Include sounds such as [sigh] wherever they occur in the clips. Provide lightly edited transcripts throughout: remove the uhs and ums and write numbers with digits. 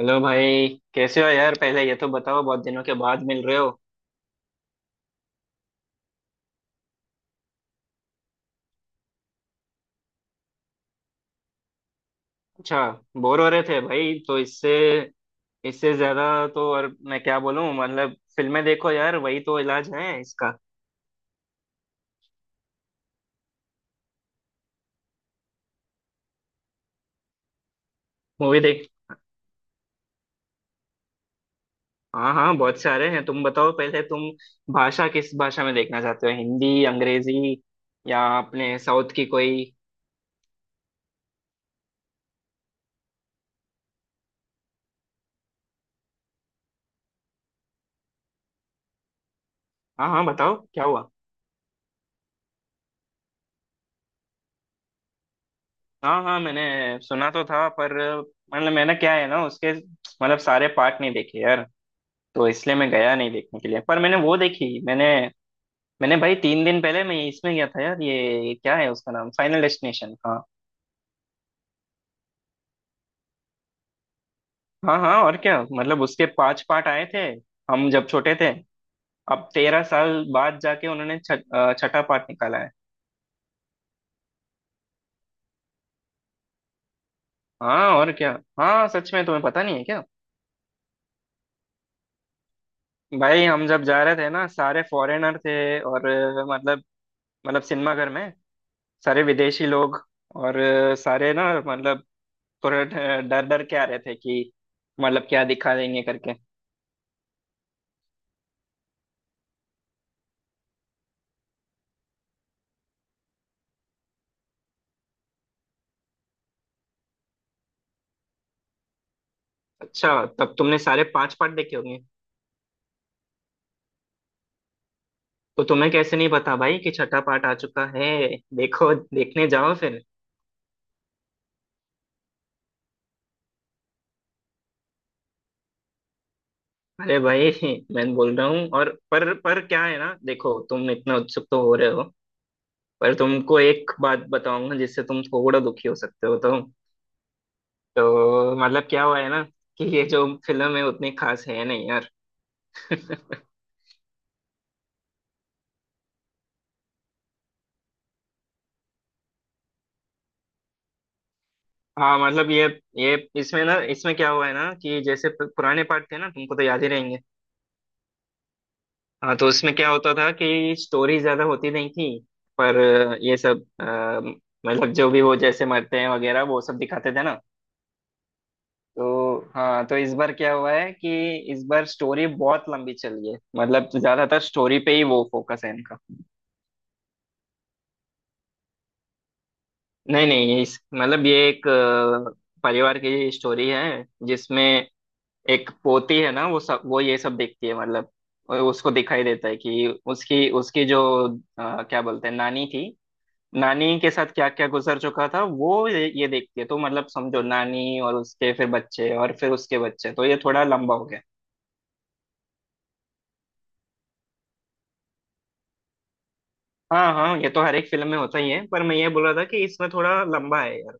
Hello भाई। कैसे हो यार? पहले ये तो बताओ, बहुत दिनों के बाद मिल रहे हो। अच्छा। बोर हो रहे थे भाई तो इससे इससे ज्यादा तो और मैं क्या बोलूं। मतलब फिल्में देखो यार, वही तो इलाज है इसका। मूवी देख। हाँ हाँ, बहुत सारे हैं। तुम बताओ पहले, तुम भाषा, किस भाषा में देखना चाहते हो? हिंदी, अंग्रेजी या अपने साउथ की कोई? हाँ हाँ, बताओ क्या हुआ। हाँ हाँ, मैंने सुना तो था, पर मतलब मैंने, क्या है ना, उसके मतलब सारे पार्ट नहीं देखे यार, तो इसलिए मैं गया नहीं देखने के लिए। पर मैंने वो देखी। मैंने, मैंने भाई 3 दिन पहले मैं इसमें गया था यार। ये क्या है उसका नाम? Final destination. हाँ हाँ हाँ, और क्या। मतलब उसके 5 पार्ट आए थे हम जब छोटे थे। अब 13 साल बाद जाके उन्होंने छठा पार्ट निकाला है। हाँ और क्या। हाँ सच में, तुम्हें पता नहीं है क्या? भाई हम जब जा रहे थे ना, सारे फॉरेनर थे और मतलब, मतलब सिनेमा घर में सारे विदेशी लोग। और सारे ना, मतलब थोड़ा डर डर के आ रहे थे कि मतलब क्या दिखा देंगे करके। अच्छा तब तुमने सारे 5 पार्ट देखे होंगे। तो तुम्हें कैसे नहीं पता भाई कि छठा पार्ट आ चुका है? देखो, देखने जाओ फिर। अरे भाई, मैं बोल रहा हूँ। और पर क्या है ना, देखो तुम इतना उत्सुक तो हो रहे हो, पर तुमको एक बात बताऊंगा जिससे तुम थोड़ा दुखी हो सकते हो तो। तो मतलब क्या हुआ है ना कि ये जो फिल्म है उतनी खास है नहीं यार। हाँ मतलब ये इसमें ना, इसमें क्या हुआ है ना कि जैसे पुराने पार्ट थे ना, तुमको तो याद ही रहेंगे। हाँ तो उसमें क्या होता था कि स्टोरी ज्यादा होती नहीं थी। पर ये सब मतलब जो भी वो जैसे मरते हैं वगैरह वो सब दिखाते थे ना। तो हाँ तो इस बार क्या हुआ है कि इस बार स्टोरी बहुत लंबी चली है। मतलब ज्यादातर स्टोरी पे ही वो फोकस है इनका। नहीं नहीं, इस मतलब ये एक परिवार की स्टोरी है जिसमें एक पोती है ना, वो सब वो ये सब देखती है। मतलब उसको दिखाई देता है कि उसकी उसकी जो क्या बोलते हैं, नानी थी। नानी के साथ क्या क्या गुजर चुका था वो ये देखती है, तो मतलब समझो नानी, और उसके फिर बच्चे, और फिर उसके बच्चे, तो ये थोड़ा लंबा हो गया। हाँ हाँ, ये तो हर एक फिल्म में होता ही है, पर मैं ये बोल रहा था कि इसमें थोड़ा लंबा है यार।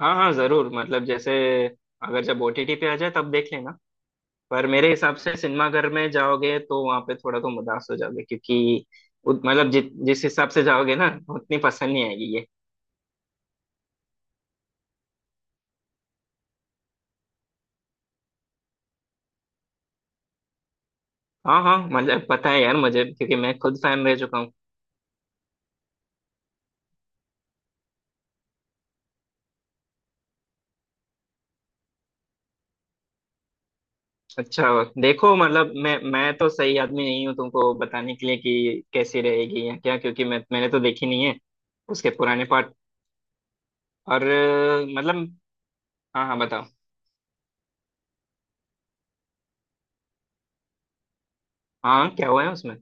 हाँ हाँ जरूर, मतलब जैसे अगर जब ओटीटी पे आ जाए तब देख लेना। पर मेरे हिसाब से सिनेमाघर में जाओगे तो वहां पे थोड़ा तुम उदास हो जाओगे, क्योंकि उत- मतलब जि, जिस हिसाब से जाओगे ना उतनी पसंद नहीं आएगी ये। हाँ हाँ, मतलब पता है यार मुझे, क्योंकि मैं खुद फैन रह चुका हूँ। अच्छा देखो, मतलब मैं तो सही आदमी नहीं हूँ तुमको बताने के लिए कि कैसी रहेगी या क्या, क्योंकि मैंने तो देखी नहीं है उसके पुराने पार्ट। और मतलब। हाँ हाँ बताओ। हाँ क्या हुआ है उसमें।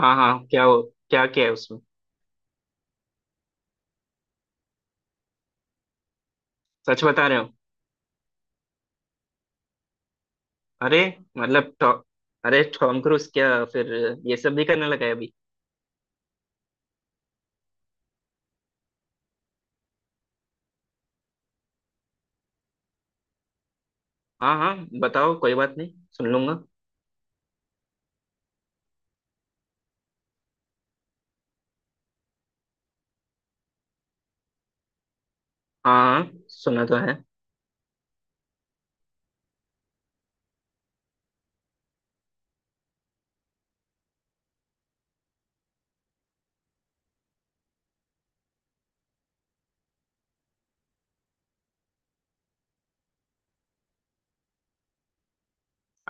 हाँ हाँ क्या हो, क्या क्या है उसमें? सच बता रहे हो? अरे मतलब अरे टॉम क्रूज क्या फिर ये सब भी करने लगा है अभी। हाँ हाँ बताओ, कोई बात नहीं सुन लूंगा। हाँ हाँ सुना तो है।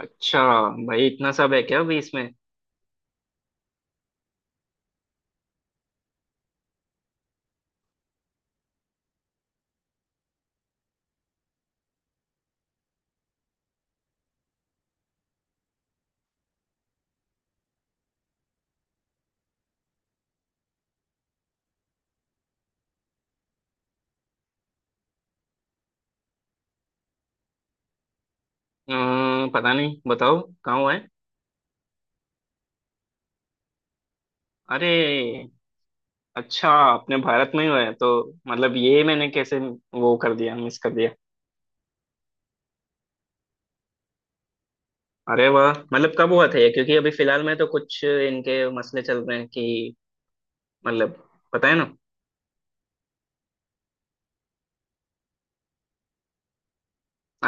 अच्छा भाई, इतना सब है क्या अभी इसमें? पता नहीं, बताओ कहाँ हुआ है। अरे अच्छा, अपने भारत में ही हुआ है तो। मतलब ये मैंने कैसे वो कर दिया, मिस कर दिया। अरे वाह, मतलब कब हुआ था ये? क्योंकि अभी फिलहाल में तो कुछ इनके मसले चल रहे हैं कि मतलब, पता है ना।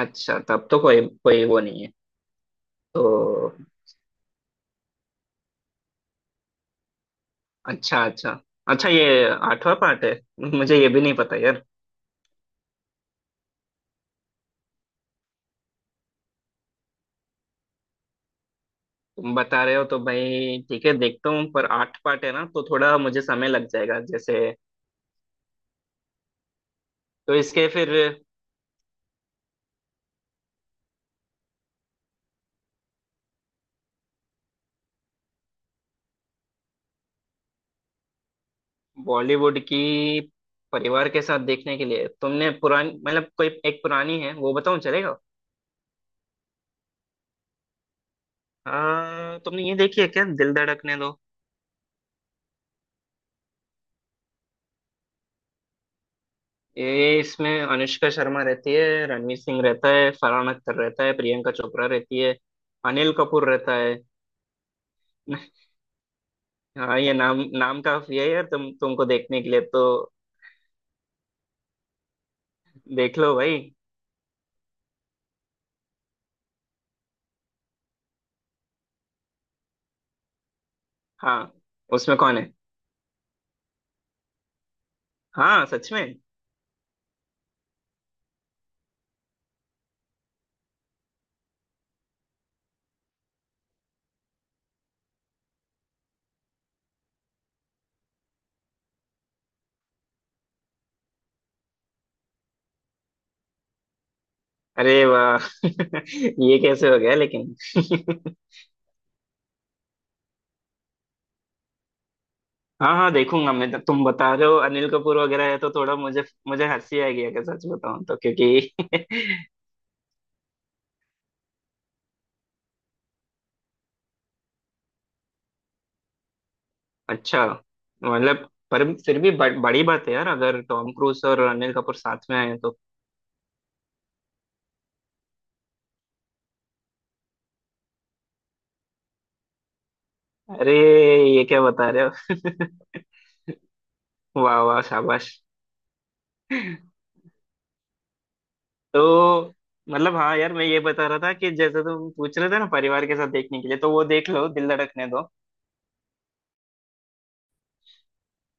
अच्छा तब तो कोई कोई वो नहीं है तो। अच्छा अच्छा। अच्छा ये आठवां पार्ट है? मुझे ये भी नहीं पता यार। तुम बता रहे हो तो भाई ठीक है देखता हूँ। पर 8 पार्ट है ना तो थोड़ा मुझे समय लग जाएगा जैसे। तो इसके फिर बॉलीवुड की, परिवार के साथ देखने के लिए, तुमने पुरानी, मतलब कोई एक पुरानी है वो बताऊँ चलेगा? तुमने ये देखी है क्या, दिल धड़कने दो? ये इसमें अनुष्का शर्मा रहती है, रणवीर सिंह रहता है, फरहान अख्तर रहता है, प्रियंका चोपड़ा रहती है, अनिल कपूर रहता है। हाँ ये नाम नाम काफी है यार, तुमको देखने के लिए तो। देख लो भाई। हाँ उसमें कौन है? हाँ सच में? अरे वाह। [laughs] ये कैसे हो गया लेकिन। [laughs] हाँ हाँ देखूंगा मैं तो, तुम बता रहे हो अनिल कपूर वगैरह है तो थोड़ा मुझे मुझे हंसी आएगी अगर सच बताऊं तो, क्योंकि [laughs] अच्छा। मतलब पर फिर भी बड़ी बात है यार अगर टॉम क्रूज और अनिल कपूर साथ में आए तो। अरे ये क्या बता रहे हो। [laughs] वाह वाह शाबाश। तो मतलब हाँ यार, मैं ये बता रहा था कि जैसे तुम पूछ रहे थे ना परिवार के साथ देखने के लिए, तो वो देख लो, दिल धड़कने दो।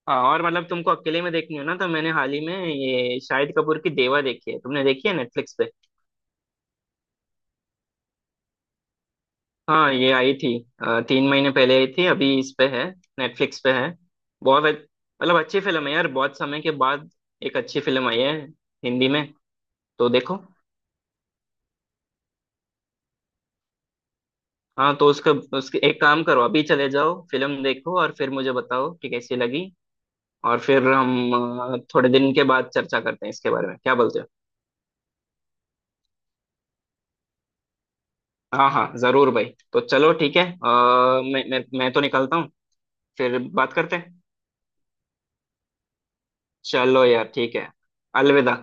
हाँ, और मतलब तुमको अकेले में देखनी हो ना, तो मैंने हाल ही में ये शाहिद कपूर की देवा देखी है, तुमने देखी है नेटफ्लिक्स पे? हाँ ये आई थी 3 महीने पहले आई थी, अभी इस पे है, नेटफ्लिक्स पे है। बहुत अच्छ- मतलब अच्छी फिल्म है यार, बहुत समय के बाद एक अच्छी फिल्म आई है हिंदी में, तो देखो। हाँ तो उसका उसके एक काम करो, अभी चले जाओ फिल्म देखो और फिर मुझे बताओ कि कैसी लगी। और फिर हम थोड़े दिन के बाद चर्चा करते हैं इसके बारे में, क्या बोलते हो? हाँ हाँ जरूर भाई। तो चलो ठीक है, मैं तो निकलता हूँ, फिर बात करते हैं। चलो यार ठीक है, अलविदा।